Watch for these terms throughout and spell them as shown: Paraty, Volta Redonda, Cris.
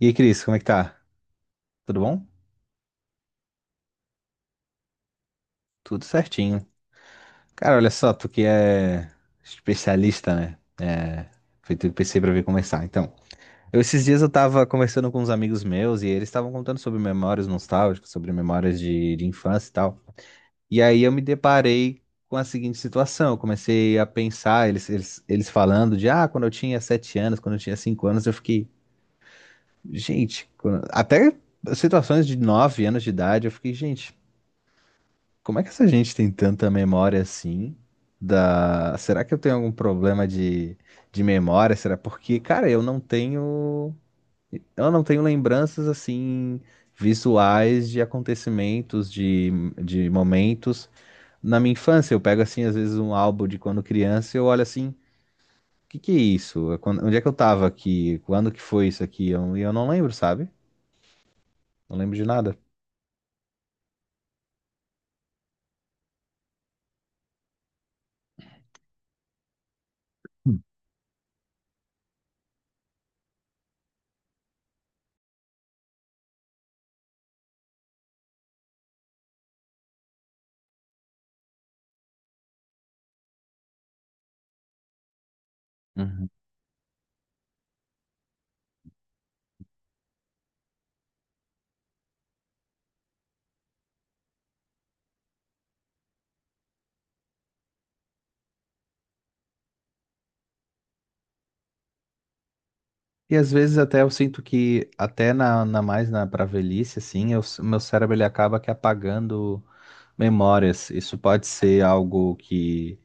E aí, Cris, como é que tá? Tudo bom? Tudo certinho. Cara, olha só, tu que é especialista, né? Foi tudo que pensei pra vir conversar. Então, esses dias eu tava conversando com uns amigos meus e eles estavam contando sobre memórias nostálgicas, sobre memórias de infância e tal. E aí eu me deparei com a seguinte situação. Eu comecei a pensar, eles falando de, ah, quando eu tinha 7 anos, quando eu tinha 5 anos, eu fiquei, gente, até situações de 9 anos de idade, eu fiquei, gente. Como é que essa gente tem tanta memória assim? Será que eu tenho algum problema de memória? Será porque, cara, eu não tenho. Eu não tenho lembranças assim visuais de acontecimentos, de momentos. Na minha infância, eu pego assim, às vezes, um álbum de quando criança e eu olho assim, o que que é isso? Onde é que eu tava aqui? Quando que foi isso aqui? Não lembro, sabe? Não lembro de nada. Uhum. E às vezes até eu sinto que, até na, na mais na para velhice, assim, eu, meu cérebro ele acaba que apagando memórias. Isso pode ser algo que,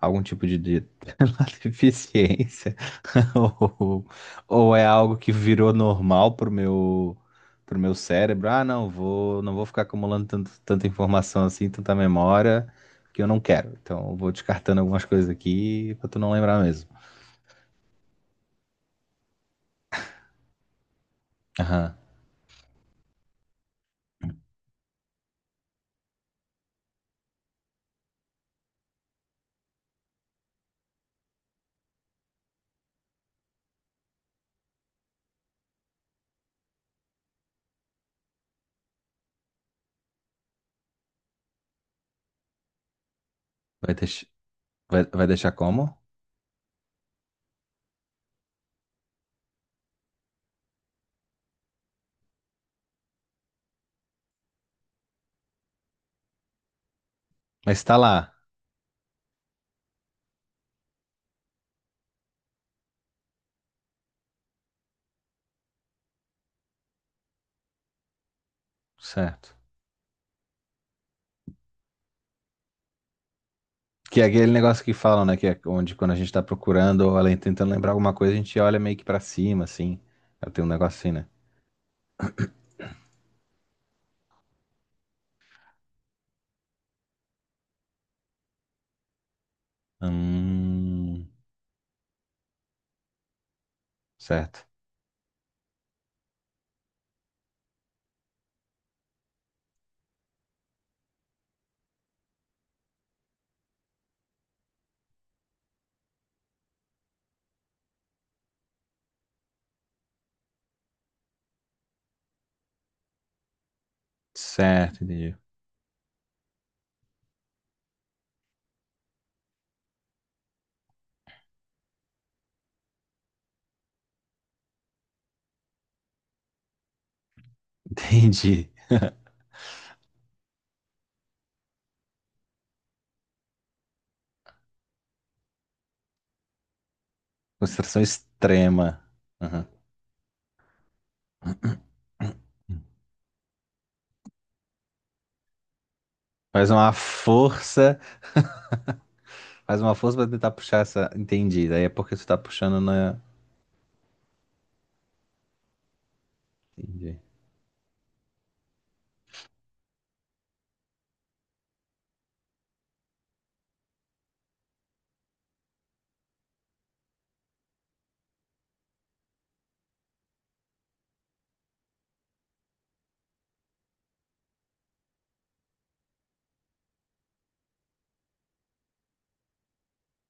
algum tipo de sei lá, deficiência, ou, ou é algo que virou normal pro meu cérebro. Ah, não, não vou ficar acumulando tanto, tanta informação assim, tanta memória, que eu não quero. Então, eu vou descartando algumas coisas aqui pra tu não lembrar mesmo. Aham. Vai, deix- vai, vai deixar como? Mas tá lá, certo. Que é aquele negócio que falam, né? Que é onde quando a gente tá procurando ou além tentando lembrar alguma coisa, a gente olha meio que pra cima, assim. Ela tem um negócio assim, né? Hum, certo. Certo, entendi. Entendi. Concentração extrema. Aham. Faz uma força, faz uma força pra tentar puxar essa. Entendi. Daí é porque tu tá puxando na. Entendi.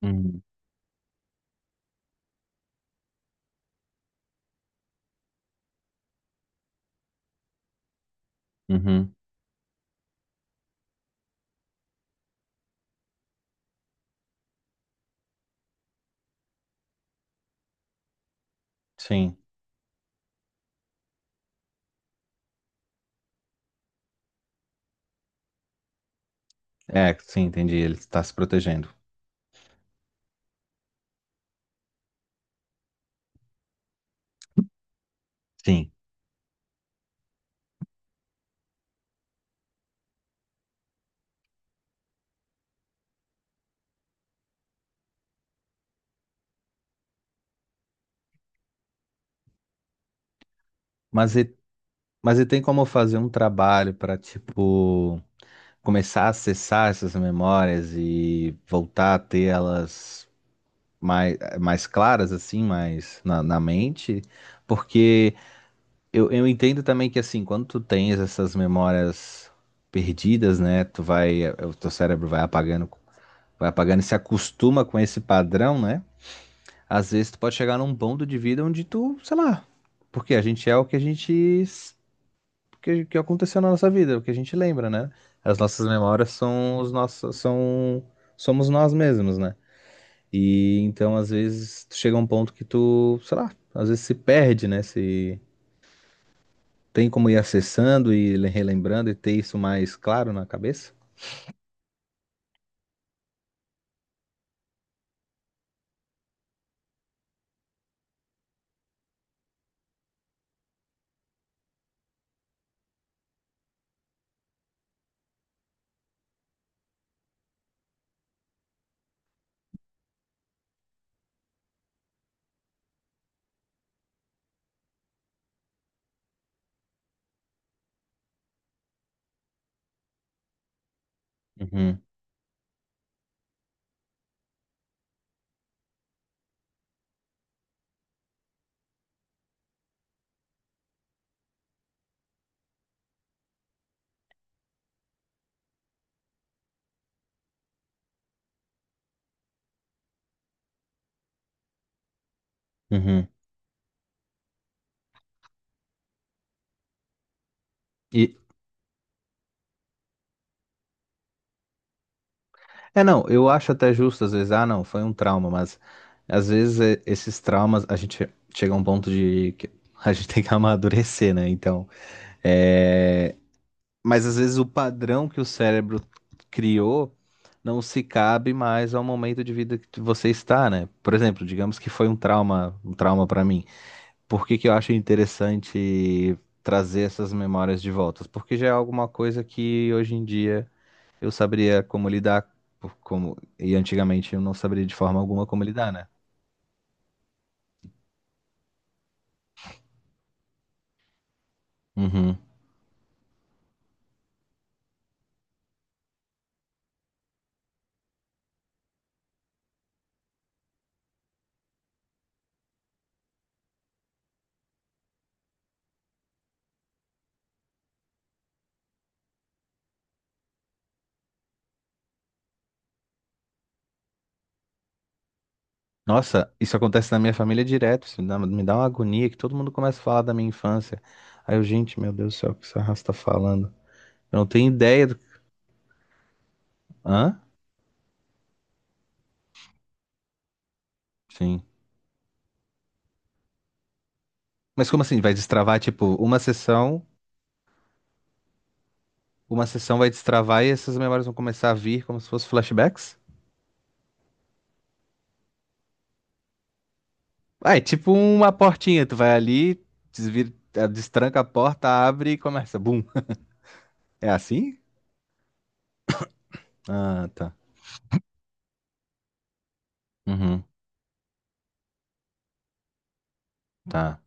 Uhum. Uhum. Sim. É, sim, entendi. Ele tá se protegendo. Sim. Mas e- Mas e tem como fazer um trabalho para, tipo, começar a acessar essas memórias e voltar a ter elas mais claras, assim, mais na mente? Porque eu entendo também que, assim, quando tu tens essas memórias perdidas, né, tu vai, o teu cérebro vai apagando e se acostuma com esse padrão, né? Às vezes tu pode chegar num ponto de vida onde tu, sei lá, porque a gente é o que a gente que aconteceu na nossa vida, o que a gente lembra, né? As nossas memórias são os nossos, são, somos nós mesmos, né? E então, às vezes, tu chega a um ponto que tu, sei lá, às vezes se perde, né? Se tem como ir acessando e relembrando e ter isso mais claro na cabeça. Uhum, uhum. E, é, não, eu acho até justo, às vezes, ah, não, foi um trauma, mas às vezes é, esses traumas, a gente chega a um ponto de que a gente tem que amadurecer, né? Então, é. Mas às vezes o padrão que o cérebro criou não se cabe mais ao momento de vida que você está, né? Por exemplo, digamos que foi um trauma para mim. Por que que eu acho interessante trazer essas memórias de volta? Porque já é alguma coisa que hoje em dia eu saberia como lidar, como e antigamente eu não saberia de forma alguma como lidar, né? Uhum. Nossa, isso acontece na minha família direto. Isso me dá uma agonia que todo mundo começa a falar da minha infância. Aí eu, gente, meu Deus do céu, o que essa raça tá falando? Eu não tenho ideia do. Hã? Sim. Mas como assim? Vai destravar, tipo, uma sessão vai destravar e essas memórias vão começar a vir como se fossem flashbacks? Ah, é tipo uma portinha. Tu vai ali, desvira, destranca a porta, abre e começa. Bum. É assim? Ah, tá. Uhum, tá.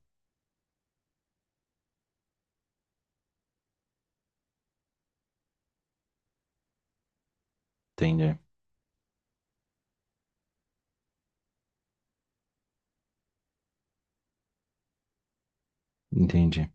Entendi. Entendi.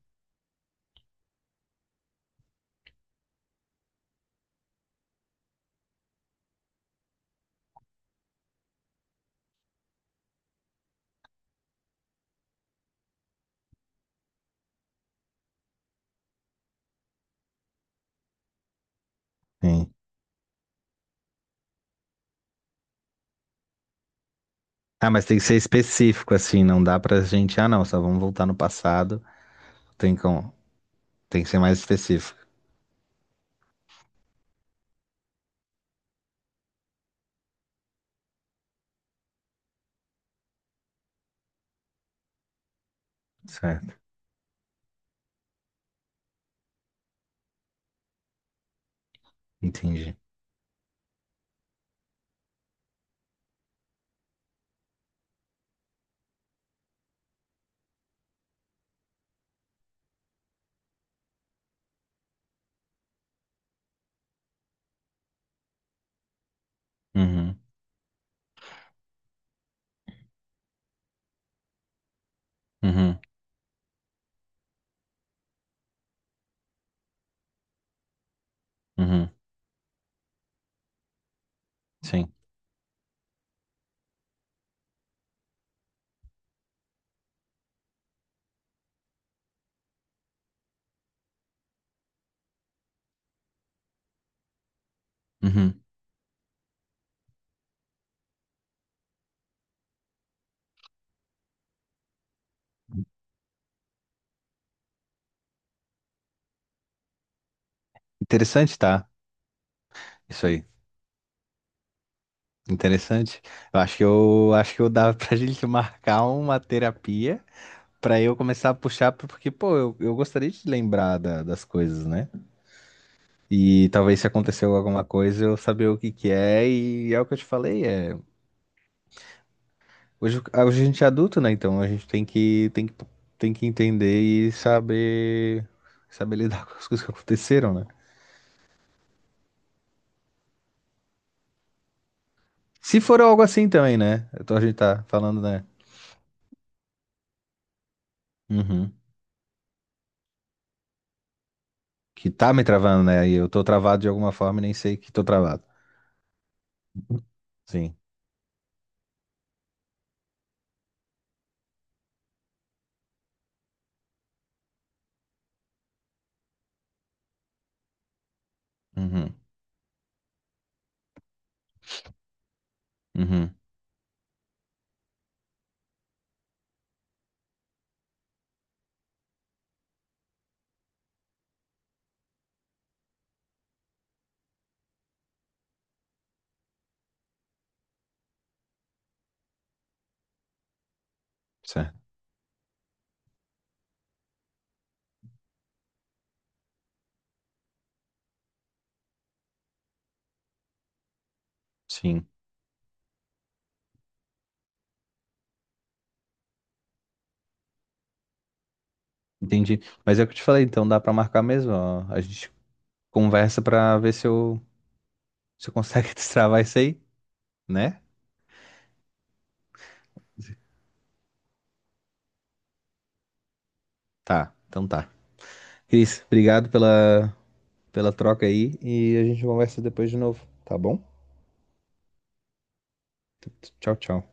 Ah, mas tem que ser específico, assim, não dá pra gente, ah, não, só vamos voltar no passado. Tem com, tem que ser mais específico. Certo, entendi. Uhum, uhum, uhum, sim. Uhum. Interessante, tá? Isso aí. Interessante. Eu acho que eu dava pra gente marcar uma terapia pra eu começar a puxar, porque, pô, eu gostaria de lembrar das coisas, né? E talvez se aconteceu alguma coisa eu saber o que que é, e é o que eu te falei, é. Hoje, ah, hoje a gente é adulto, né? Então a gente tem que, tem que entender e saber, saber lidar com as coisas que aconteceram, né? Se for algo assim também, né? Então a gente tá falando, né? Uhum. Que tá me travando, né? E eu tô travado de alguma forma e nem sei que tô travado. Sim. Uhum. Uhum. Certo. Sim. Entendi. Mas é o que eu te falei, então dá pra marcar mesmo, ó. A gente conversa pra ver se se eu consegue destravar isso aí, né? Tá. Então tá. Cris, obrigado pela troca aí e a gente conversa depois de novo, tá bom? Tchau, tchau.